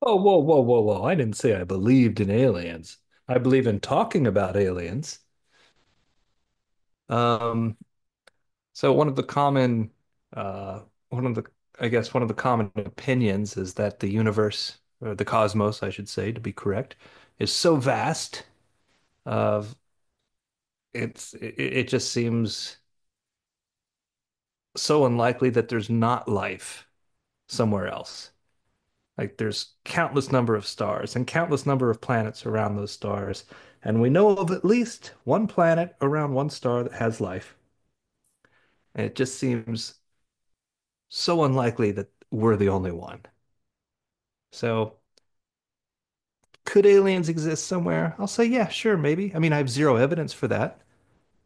Whoa, whoa, whoa, whoa, whoa. I didn't say I believed in aliens. I believe in talking about aliens. Um, so one of the common uh one of the I guess one of the common opinions is that the universe, or the cosmos, I should say, to be correct, is so vast of it just seems so unlikely that there's not life somewhere else. Like there's countless number of stars and countless number of planets around those stars. And we know of at least one planet around one star that has life. And it just seems so unlikely that we're the only one. So could aliens exist somewhere? I'll say, yeah, sure, maybe. I mean, I have zero evidence for that,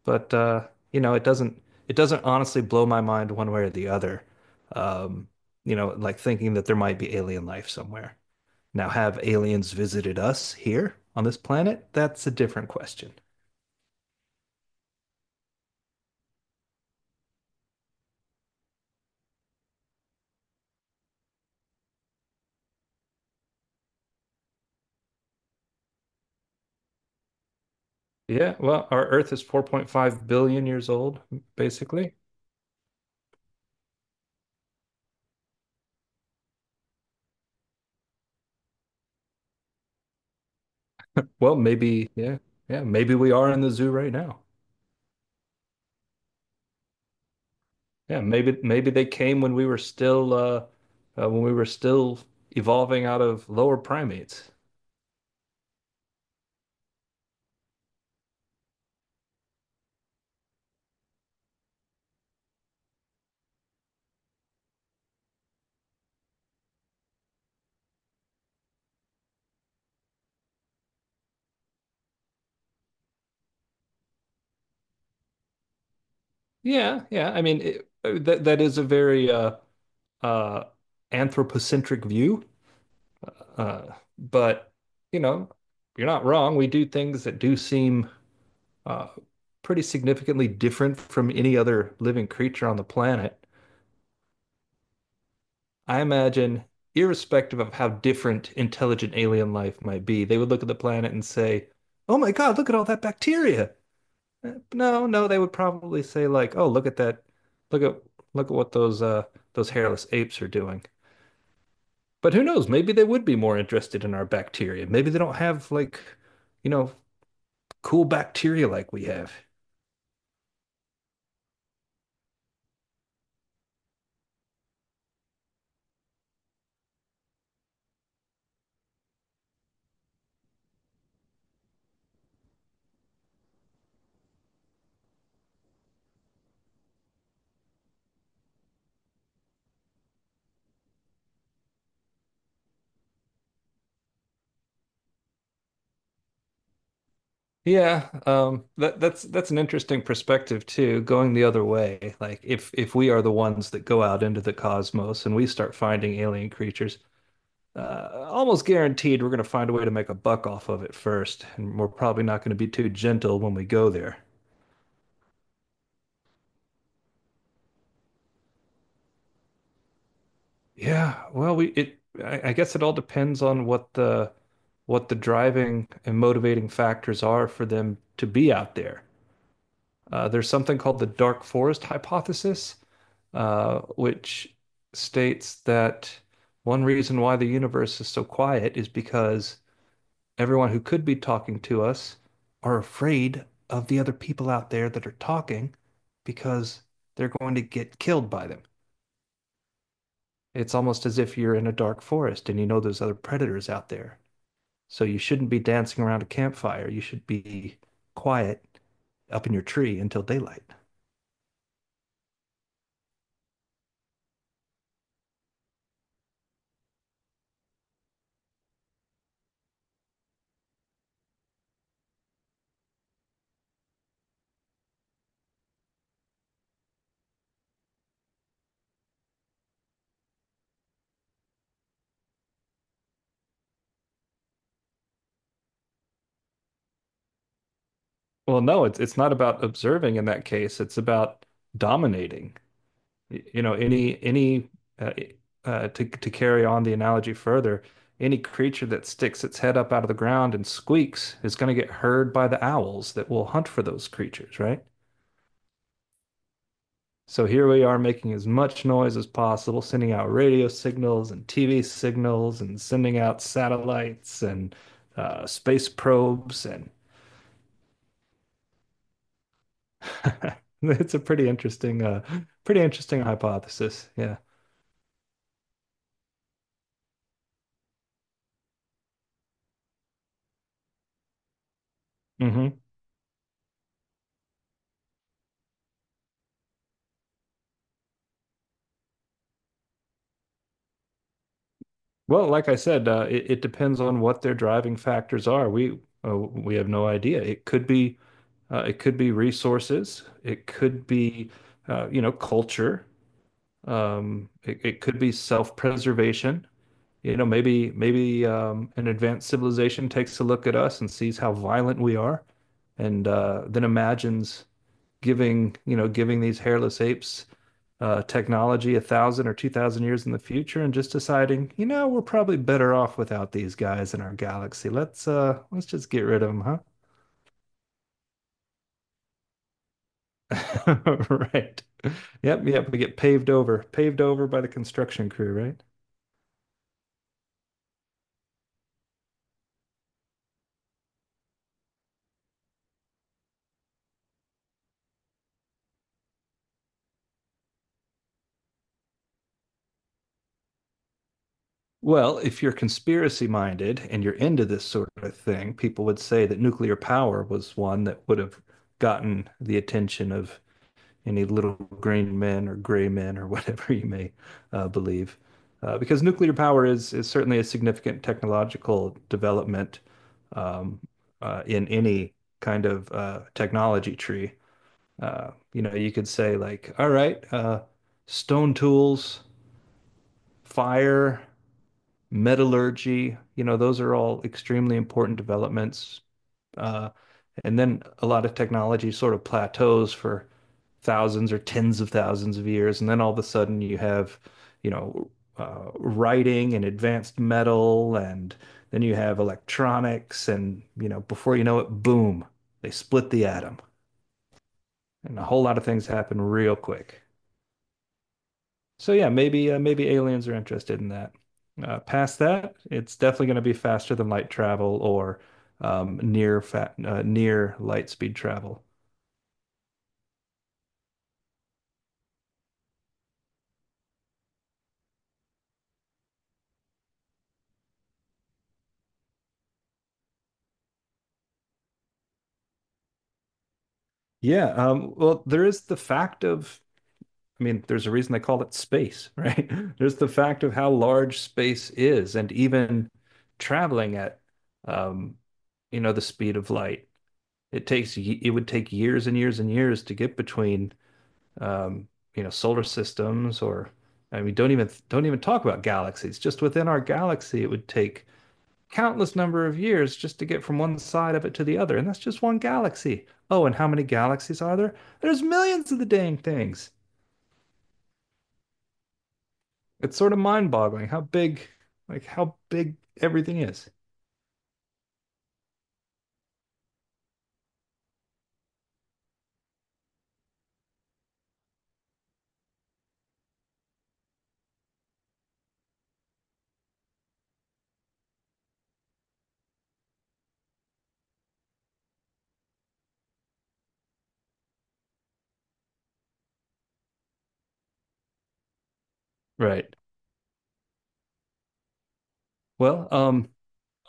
but it doesn't honestly blow my mind one way or the other. Um, like thinking that there might be alien life somewhere. Now, have aliens visited us here on this planet? That's a different question. Yeah, well, our Earth is 4.5 billion years old, basically. Well, maybe, yeah, yeah, maybe we are in the zoo right now. Yeah, maybe they came when we were still uh when we were still evolving out of lower primates. Yeah, yeah. I mean, that is a very uh, anthropocentric view. Uh, but, you know, you're not wrong. We do things that do seem uh, pretty significantly different from any other living creature on the planet. I imagine, irrespective of how different intelligent alien life might be, they would look at the planet and say, "Oh my God, look at all that bacteria." No, no, they would probably say, like, "Oh, look at that. Look at look at what those hairless apes are doing." But who knows? Maybe they would be more interested in our bacteria. Maybe they don't have, like, you know, cool bacteria like we have. Yeah, that's an interesting perspective too, going the other way. Like if we are the ones that go out into the cosmos and we start finding alien creatures, almost guaranteed we're going to find a way to make a buck off of it first, and we're probably not going to be too gentle when we go there. Yeah, well, I guess it all depends on what the driving and motivating factors are for them to be out there. There's something called the dark forest hypothesis, which states that one reason why the universe is so quiet is because everyone who could be talking to us are afraid of the other people out there that are talking because they're going to get killed by them. It's almost as if you're in a dark forest and you know there's other predators out there. So you shouldn't be dancing around a campfire. You should be quiet up in your tree until daylight. Well, no, it's not about observing in that case. It's about dominating. You know, any uh, to carry on the analogy further, any creature that sticks its head up out of the ground and squeaks is going to get heard by the owls that will hunt for those creatures, right? So here we are making as much noise as possible, sending out radio signals and TV signals and sending out satellites and space probes and it's a pretty interesting hypothesis. Yeah. Hmm. Well, like I said, it depends on what their driving factors are. We have no idea. It could be resources. It could be culture. It could be self-preservation. Maybe an advanced civilization takes a look at us and sees how violent we are, and then imagines giving, giving these hairless apes technology 1,000 or 2,000 years in the future, and just deciding, we're probably better off without these guys in our galaxy. Let's just get rid of them, huh? Right. Yep, yep. We get paved over, paved over by the construction crew, right? Well, if you're conspiracy minded and you're into this sort of thing, people would say that nuclear power was one that would have gotten the attention of any little green men or gray men or whatever you may believe. Because nuclear power is certainly a significant technological development um, in any kind of technology tree. You could say, like, "All right, stone tools, fire, metallurgy." You know, those are all extremely important developments. Uh, and then a lot of technology sort of plateaus for thousands or tens of thousands of years. And then all of a sudden you have, you know, writing and advanced metal, and then you have electronics. And, before you know it, boom, they split the atom. And a whole lot of things happen real quick. So yeah, maybe aliens are interested in that. Past that, it's definitely going to be faster than light travel, or near light speed travel. Yeah, well, there is the fact of — I mean, there's a reason they call it space, right? There's the fact of how large space is, and even traveling at, um, the speed of light, it would take years and years and years to get between um, solar systems, or I mean, don't even talk about galaxies. Just within our galaxy, it would take countless number of years just to get from one side of it to the other, and that's just one galaxy. Oh, and how many galaxies are there? There's millions of the dang things. It's sort of mind-boggling how big, how big everything is. Right. Well,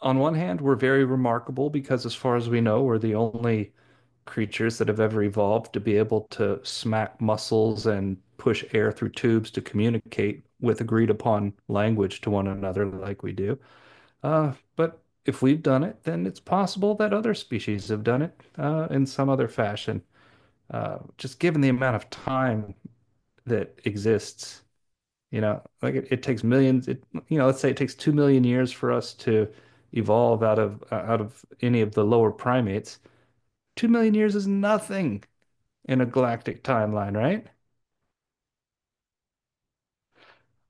on one hand, we're very remarkable because, as far as we know, we're the only creatures that have ever evolved to be able to smack muscles and push air through tubes to communicate with agreed upon language to one another like we do. But if we've done it, then it's possible that other species have done it, in some other fashion. Just given the amount of time that exists, like it takes millions, it, you know, let's say it takes 2 million years for us to evolve out of any of the lower primates. 2 million years is nothing in a galactic timeline, right?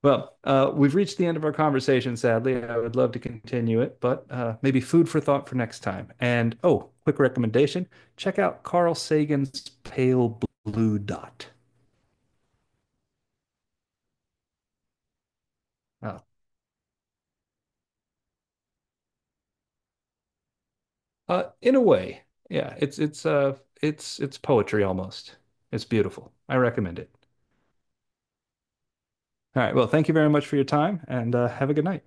Well, we've reached the end of our conversation, sadly. I would love to continue it, but maybe food for thought for next time. And, oh, quick recommendation: check out Carl Sagan's Pale Blue Dot. Uh, in a way, yeah, it's poetry almost. It's beautiful. I recommend it. All right. Well, thank you very much for your time, and have a good night.